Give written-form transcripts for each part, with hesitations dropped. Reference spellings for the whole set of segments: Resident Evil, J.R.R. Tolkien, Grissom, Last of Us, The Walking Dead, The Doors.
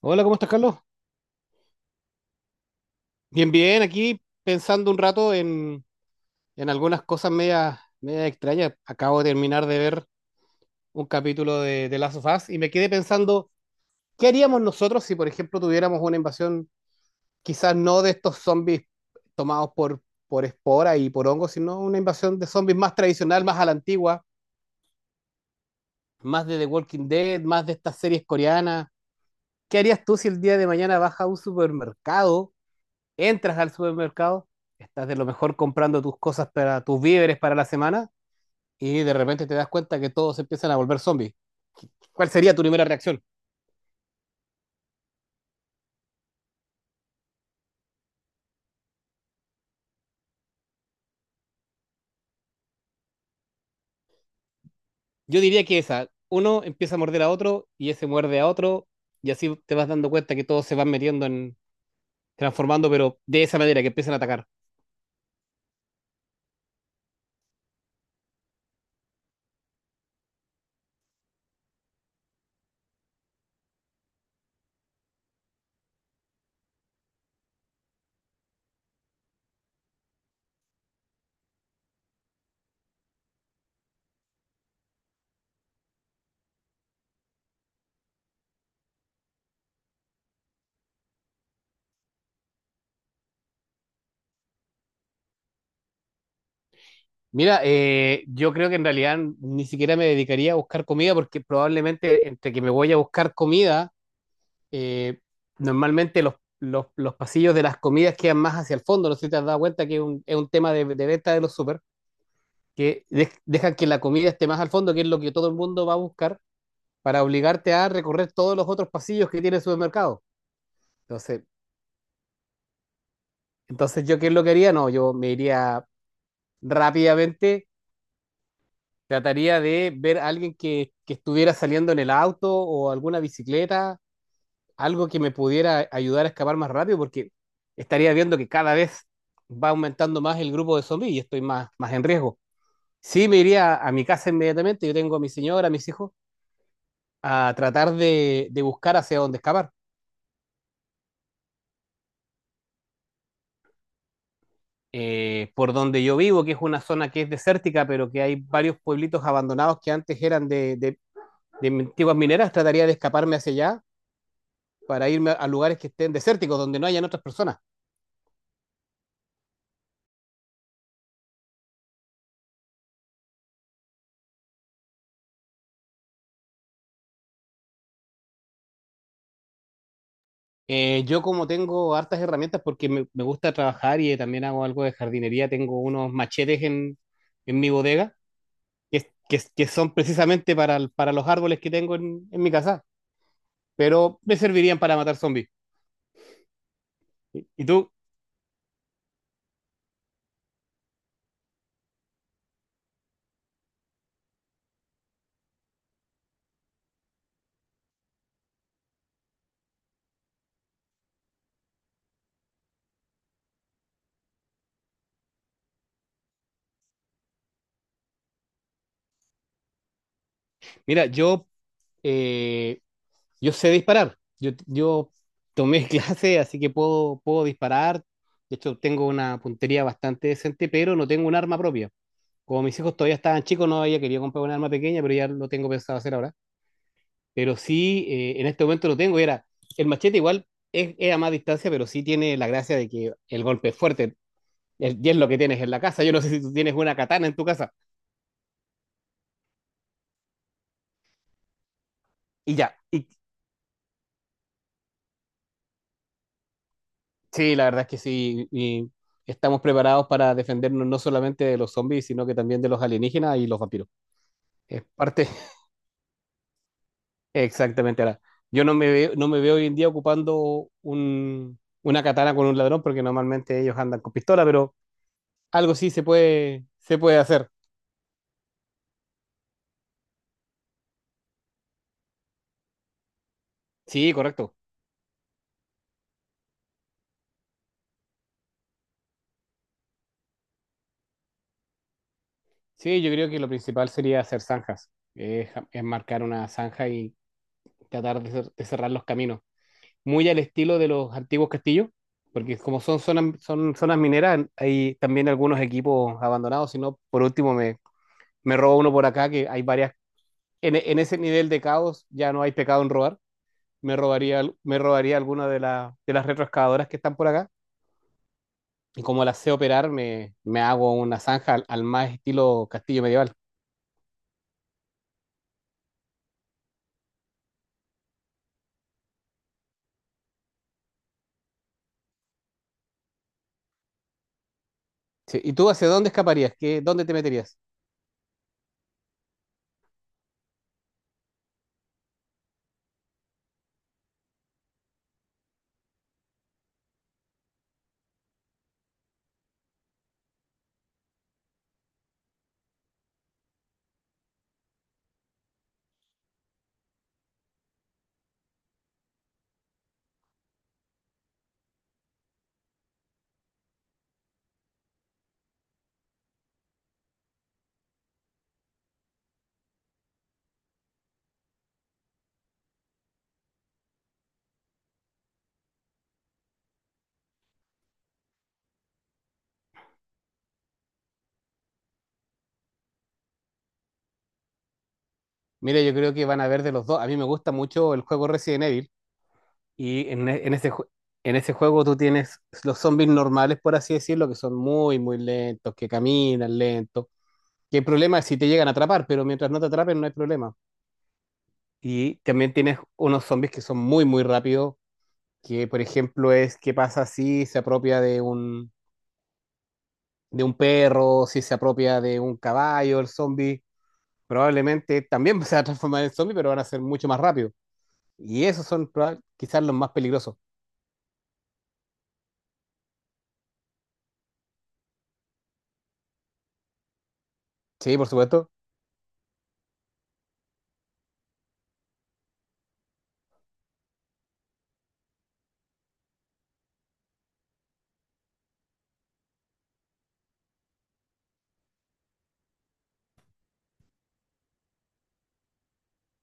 Hola, ¿cómo estás, Carlos? Bien, bien, aquí pensando un rato en algunas cosas medias medias extrañas. Acabo de terminar de ver un capítulo de Last of Us y me quedé pensando, ¿qué haríamos nosotros si, por ejemplo, tuviéramos una invasión, quizás no de estos zombies tomados por esporas y por hongos, sino una invasión de zombies más tradicional, más a la antigua, más de The Walking Dead, más de estas series coreanas? ¿Qué harías tú si el día de mañana vas a un supermercado, entras al supermercado, estás de lo mejor comprando tus cosas para tus víveres para la semana y de repente te das cuenta que todos empiezan a volver zombies? ¿Cuál sería tu primera reacción? Yo diría que esa, uno empieza a morder a otro y ese muerde a otro y así te vas dando cuenta que todos se van metiendo en transformando, pero de esa manera que empiezan a atacar. Mira, yo creo que en realidad ni siquiera me dedicaría a buscar comida porque probablemente entre que me voy a buscar comida eh, normalmente los pasillos de las comidas quedan más hacia el fondo. No sé si te has dado cuenta que es un tema de venta de los súper, que dejan que la comida esté más al fondo, que es lo que todo el mundo va a buscar, para obligarte a recorrer todos los otros pasillos que tiene el supermercado. Entonces, entonces, ¿yo qué es lo que haría? No, yo me iría rápidamente, trataría de ver a alguien que estuviera saliendo en el auto o alguna bicicleta, algo que me pudiera ayudar a escapar más rápido, porque estaría viendo que cada vez va aumentando más el grupo de zombies y estoy más, más en riesgo. Sí, me iría a mi casa inmediatamente, yo tengo a mi señora, a mis hijos, a tratar de buscar hacia dónde escapar. Por donde yo vivo, que es una zona que es desértica, pero que hay varios pueblitos abandonados que antes eran de antiguas mineras, trataría de escaparme hacia allá para irme a lugares que estén desérticos, donde no hayan otras personas. Yo como tengo hartas herramientas porque me gusta trabajar y también hago algo de jardinería, tengo unos machetes en mi bodega que son precisamente para, para los árboles que tengo en mi casa, pero me servirían para matar zombies. ¿Y tú? Mira, eh, yo sé disparar, yo tomé clase, así que puedo disparar, de hecho tengo una puntería bastante decente, pero no tengo un arma propia. Como mis hijos todavía estaban chicos, no había querido comprar un arma pequeña, pero ya lo tengo pensado hacer ahora. Pero sí, en este momento lo tengo. Y era, el machete igual es a más distancia, pero sí tiene la gracia de que el golpe es fuerte. Y es lo que tienes en la casa. Yo no sé si tú tienes una katana en tu casa. Y ya. Y, sí, la verdad es que sí. Y estamos preparados para defendernos no solamente de los zombies, sino que también de los alienígenas y los vampiros. Es parte, exactamente. Ahora, yo no me veo, no me veo hoy en día ocupando una katana con un ladrón, porque normalmente ellos andan con pistola, pero algo sí se puede hacer. Sí, correcto. Sí, yo creo que lo principal sería hacer zanjas, es marcar una zanja y tratar de cerrar los caminos, muy al estilo de los antiguos castillos, porque como son zonas mineras, hay también algunos equipos abandonados, si no, por último me robo uno por acá, que hay varias, en ese nivel de caos ya no hay pecado en robar, me robaría alguna de las retroexcavadoras que están por acá, y como las sé operar, me hago una zanja al más estilo castillo medieval. Sí, ¿y tú hacia dónde escaparías? ¿Qué, dónde te meterías? Mira, yo creo que van a ver de los dos. A mí me gusta mucho el juego Resident Evil y en, e- en ese, ju- en ese juego tú tienes los zombies normales, por así decirlo, que son muy, muy lentos, que caminan lentos. Que el problema es si te llegan a atrapar, pero mientras no te atrapen no hay problema. Y también tienes unos zombies que son muy, muy rápidos, que por ejemplo es qué pasa si se apropia de un perro, si se apropia de un caballo, el zombie. Probablemente también se va a transformar en zombie, pero van a ser mucho más rápido. Y esos son quizás los más peligrosos. Sí, por supuesto.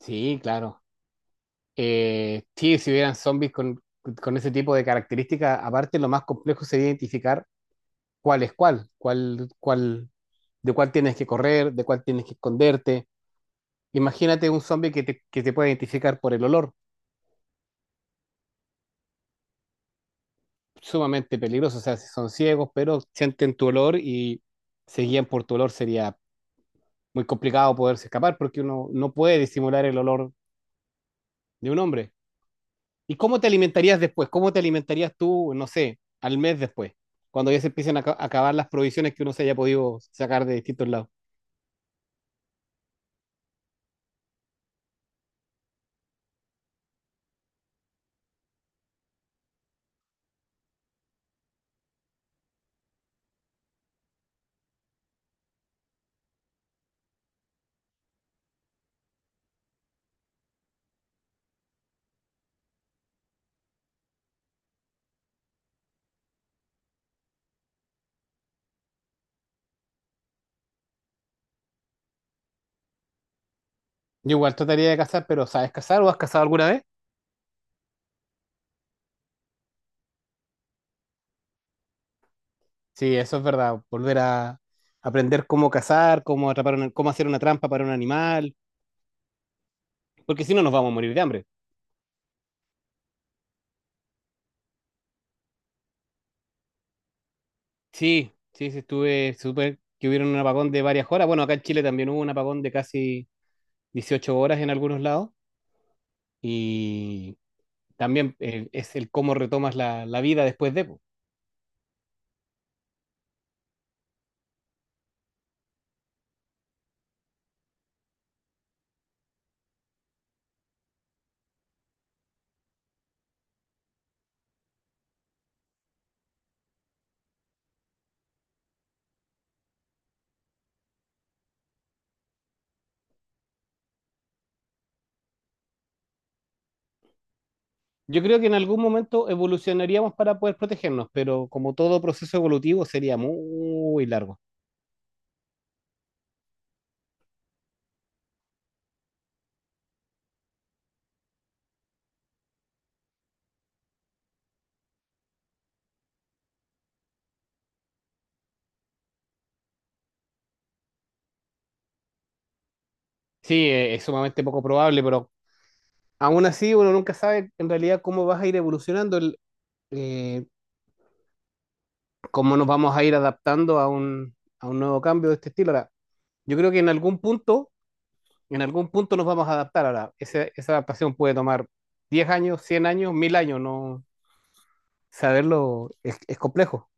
Sí, claro. Sí, si hubieran zombies con ese tipo de características, aparte lo más complejo sería identificar cuál es cuál, de cuál tienes que correr, de cuál tienes que esconderte. Imagínate un zombie que te puede identificar por el olor, sumamente peligroso. O sea, si son ciegos, pero sienten tu olor y se guían por tu olor, sería muy complicado poderse escapar porque uno no puede disimular el olor de un hombre. ¿Y cómo te alimentarías después? ¿Cómo te alimentarías tú, no sé, al mes después? Cuando ya se empiecen a acabar las provisiones que uno se haya podido sacar de distintos lados. Yo igual trataría de cazar, pero ¿sabes cazar o has cazado alguna vez? Sí, eso es verdad. Volver a aprender cómo cazar, cómo atrapar cómo hacer una trampa para un animal, porque si no nos vamos a morir de hambre. Sí, sí, sí, estuve súper que hubieron un apagón de varias horas. Bueno, acá en Chile también hubo un apagón de casi 18 horas en algunos lados. Y también es el cómo retomas la vida después de, po. Yo creo que en algún momento evolucionaríamos para poder protegernos, pero como todo proceso evolutivo sería muy largo. Sí, es sumamente poco probable, pero aún así uno nunca sabe en realidad cómo vas a ir evolucionando, eh, cómo nos vamos a ir adaptando a un nuevo cambio de este estilo. Ahora, yo creo que en algún punto nos vamos a adaptar. Ahora, esa adaptación puede tomar 10 años, 100 años, 1000 años, no saberlo es complejo.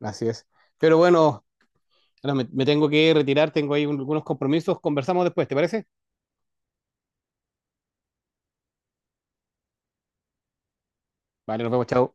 Así es. Pero bueno, ahora me tengo que retirar, tengo ahí algunos compromisos. Conversamos después, ¿te parece? Vale, nos vemos, chao.